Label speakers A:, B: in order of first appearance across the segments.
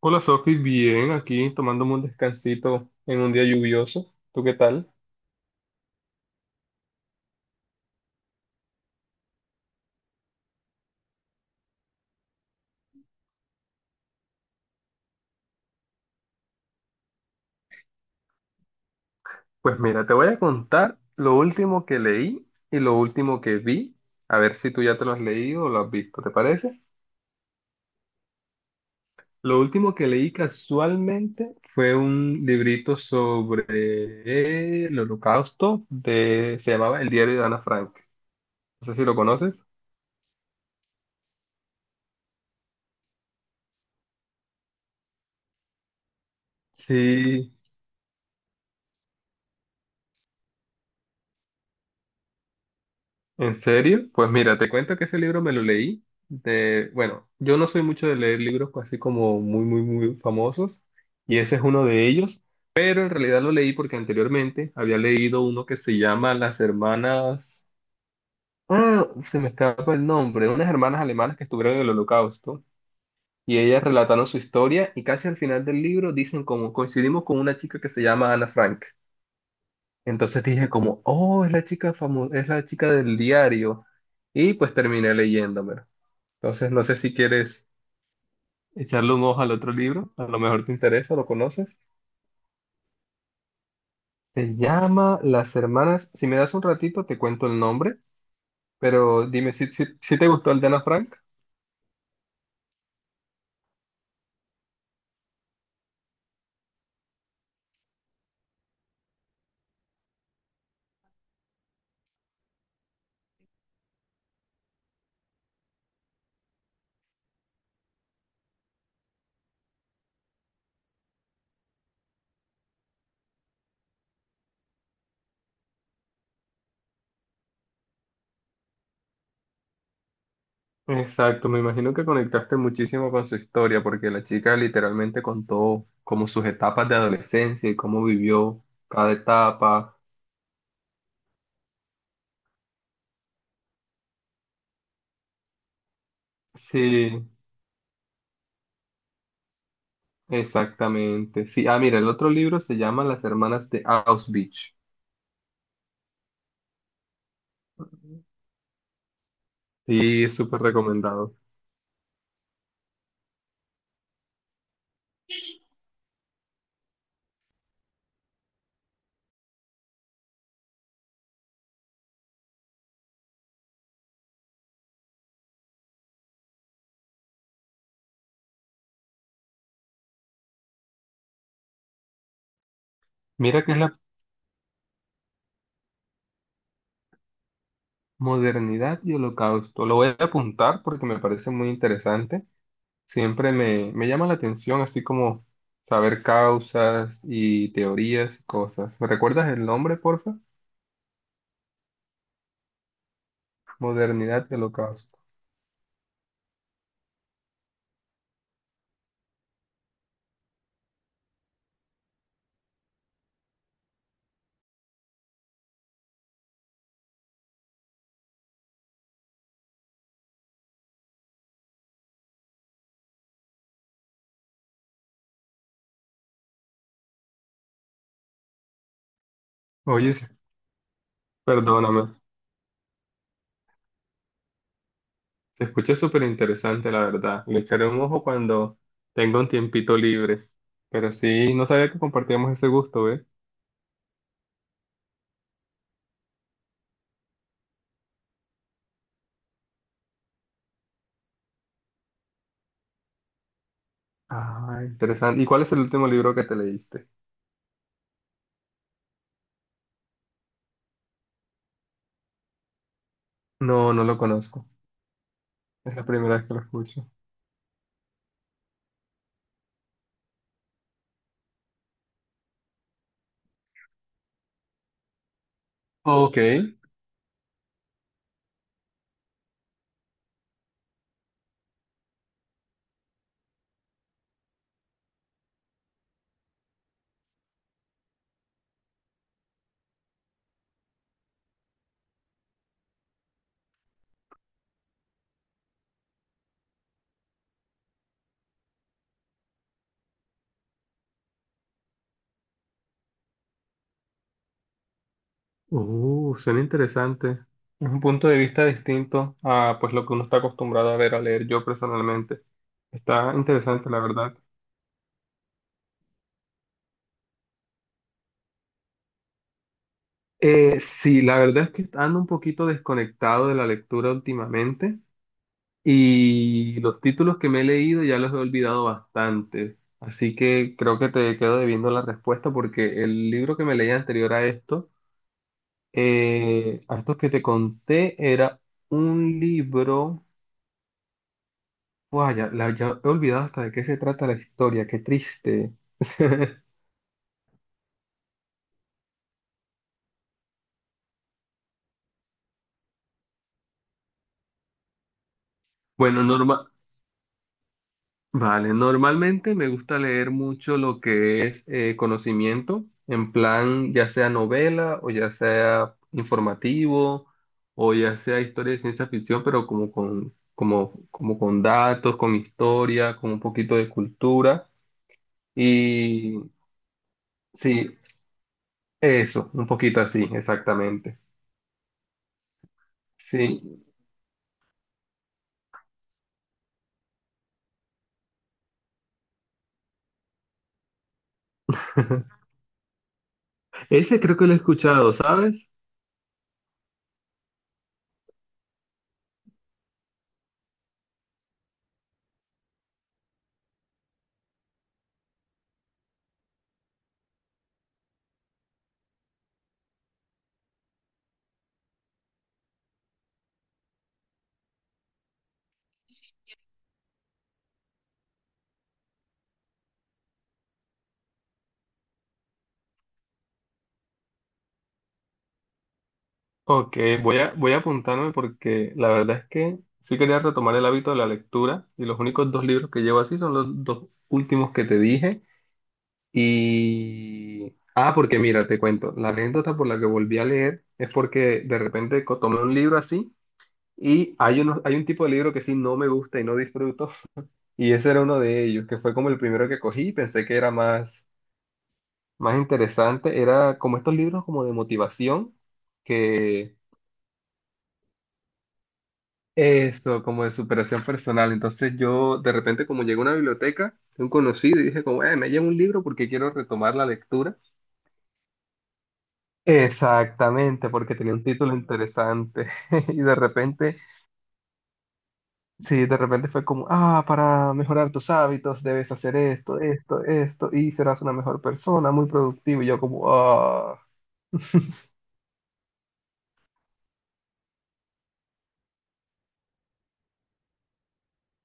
A: Hola Sofi, bien, aquí tomándome un descansito en un día lluvioso. ¿Tú qué tal? Pues mira, te voy a contar lo último que leí y lo último que vi. A ver si tú ya te lo has leído o lo has visto, ¿te parece? Lo último que leí casualmente fue un librito sobre el Holocausto de, se llamaba El diario de Ana Frank. No sé si lo conoces. Sí, ¿en serio? Pues mira, te cuento que ese libro me lo leí de, bueno, yo no soy mucho de leer libros así como muy, muy, muy famosos, y ese es uno de ellos, pero en realidad lo leí porque anteriormente había leído uno que se llama Las hermanas, se me escapa el nombre, unas hermanas alemanas que estuvieron en el Holocausto, y ellas relataron su historia, y casi al final del libro dicen como coincidimos con una chica que se llama Ana Frank. Entonces dije como, oh, es la chica famosa, es la chica del diario. Y pues terminé leyéndomelo. Entonces no sé si quieres echarle un ojo al otro libro, a lo mejor te interesa, lo conoces. Se llama Las Hermanas, si me das un ratito te cuento el nombre, pero dime si, si te gustó el de Ana Frank. Exacto, me imagino que conectaste muchísimo con su historia, porque la chica literalmente contó como sus etapas de adolescencia y cómo vivió cada etapa. Sí, exactamente. Sí, ah, mira, el otro libro se llama Las hermanas de Auschwitz. Sí, es súper recomendado. Mira que es la modernidad y holocausto. Lo voy a apuntar porque me parece muy interesante. Siempre me, me llama la atención, así como saber causas y teorías y cosas. ¿Me recuerdas el nombre, porfa? Modernidad y holocausto. Oye, sí, perdóname. Se escucha súper interesante, la verdad. Le echaré un ojo cuando tenga un tiempito libre. Pero sí, no sabía que compartíamos ese gusto, ¿eh? Ah, interesante. ¿Y cuál es el último libro que te leíste? No, no lo conozco. Es la primera vez que lo escucho. Ok. Suena interesante. Es un punto de vista distinto a pues lo que uno está acostumbrado a ver, a leer yo personalmente. Está interesante, la verdad. Sí, la verdad es que ando un poquito desconectado de la lectura últimamente. Y los títulos que me he leído ya los he olvidado bastante, así que creo que te quedo debiendo la respuesta porque el libro que me leí anterior a esto, a estos que te conté, era un libro... Guau, ya, ya he olvidado hasta de qué se trata la historia, qué triste. Bueno, norma- Vale, normalmente me gusta leer mucho lo que es conocimiento, en plan ya sea novela o ya sea informativo o ya sea historia de ciencia ficción, pero como con datos, con historia, con un poquito de cultura. Y sí, eso, un poquito así, exactamente. Sí, ese creo que lo he escuchado, ¿sabes? Ok, voy a apuntarme porque la verdad es que sí quería retomar el hábito de la lectura y los únicos dos libros que llevo así son los dos últimos que te dije. Y... Ah, porque mira, te cuento, la anécdota por la que volví a leer es porque de repente tomé un libro así y hay un tipo de libro que sí no me gusta y no disfruto y ese era uno de ellos, que fue como el primero que cogí y pensé que era más interesante. Era como estos libros como de motivación que eso, como de superación personal. Entonces yo de repente como llegué a una biblioteca de un conocido y dije como, me llevo un libro porque quiero retomar la lectura. Exactamente, porque tenía un título interesante. Y de repente, sí, de repente fue como, ah, para mejorar tus hábitos debes hacer esto, esto, esto, y serás una mejor persona, muy productivo. Y yo como, ah.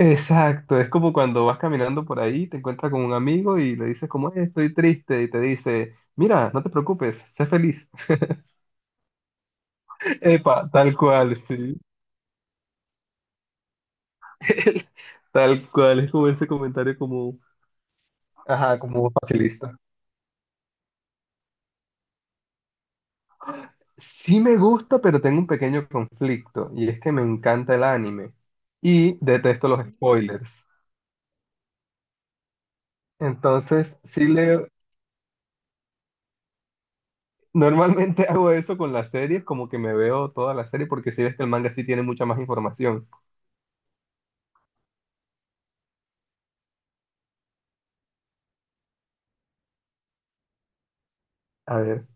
A: Exacto, es como cuando vas caminando por ahí, te encuentras con un amigo y le dices como, estoy triste", y te dice, mira, no te preocupes, sé feliz. Epa, tal cual, sí. Tal cual, es como ese comentario como, ajá, como facilista. Sí me gusta, pero tengo un pequeño conflicto, y es que me encanta el anime y detesto los spoilers. Entonces, sí leo, normalmente hago eso con las series, como que me veo toda la serie, porque si ves que el manga sí tiene mucha más información. A ver,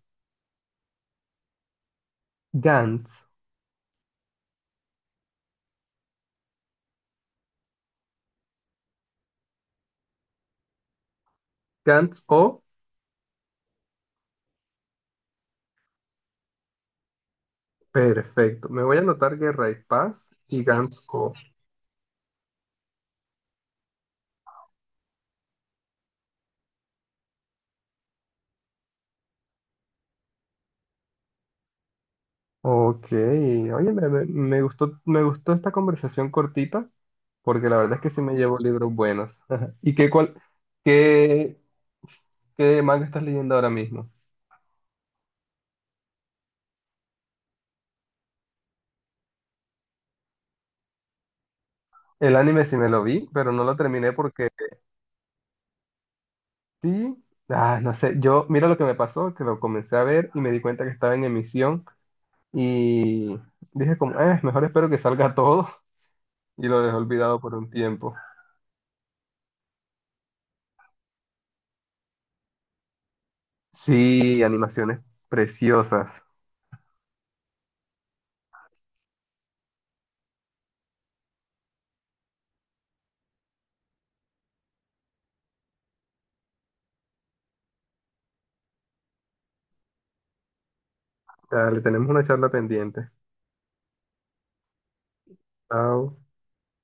A: Gantz, Gantz O, perfecto. Me voy a anotar Guerra y Paz y Gantz O. Ok, oye, me gustó esta conversación cortita, porque la verdad es que sí me llevo libros buenos. ¿Y qué, qué manga estás leyendo ahora mismo? El anime sí me lo vi, pero no lo terminé porque sí, ah, no sé, yo, mira lo que me pasó, que lo comencé a ver y me di cuenta que estaba en emisión y dije como, mejor espero que salga todo y lo dejé olvidado por un tiempo. Sí, animaciones preciosas. Dale, tenemos una charla pendiente. Chao.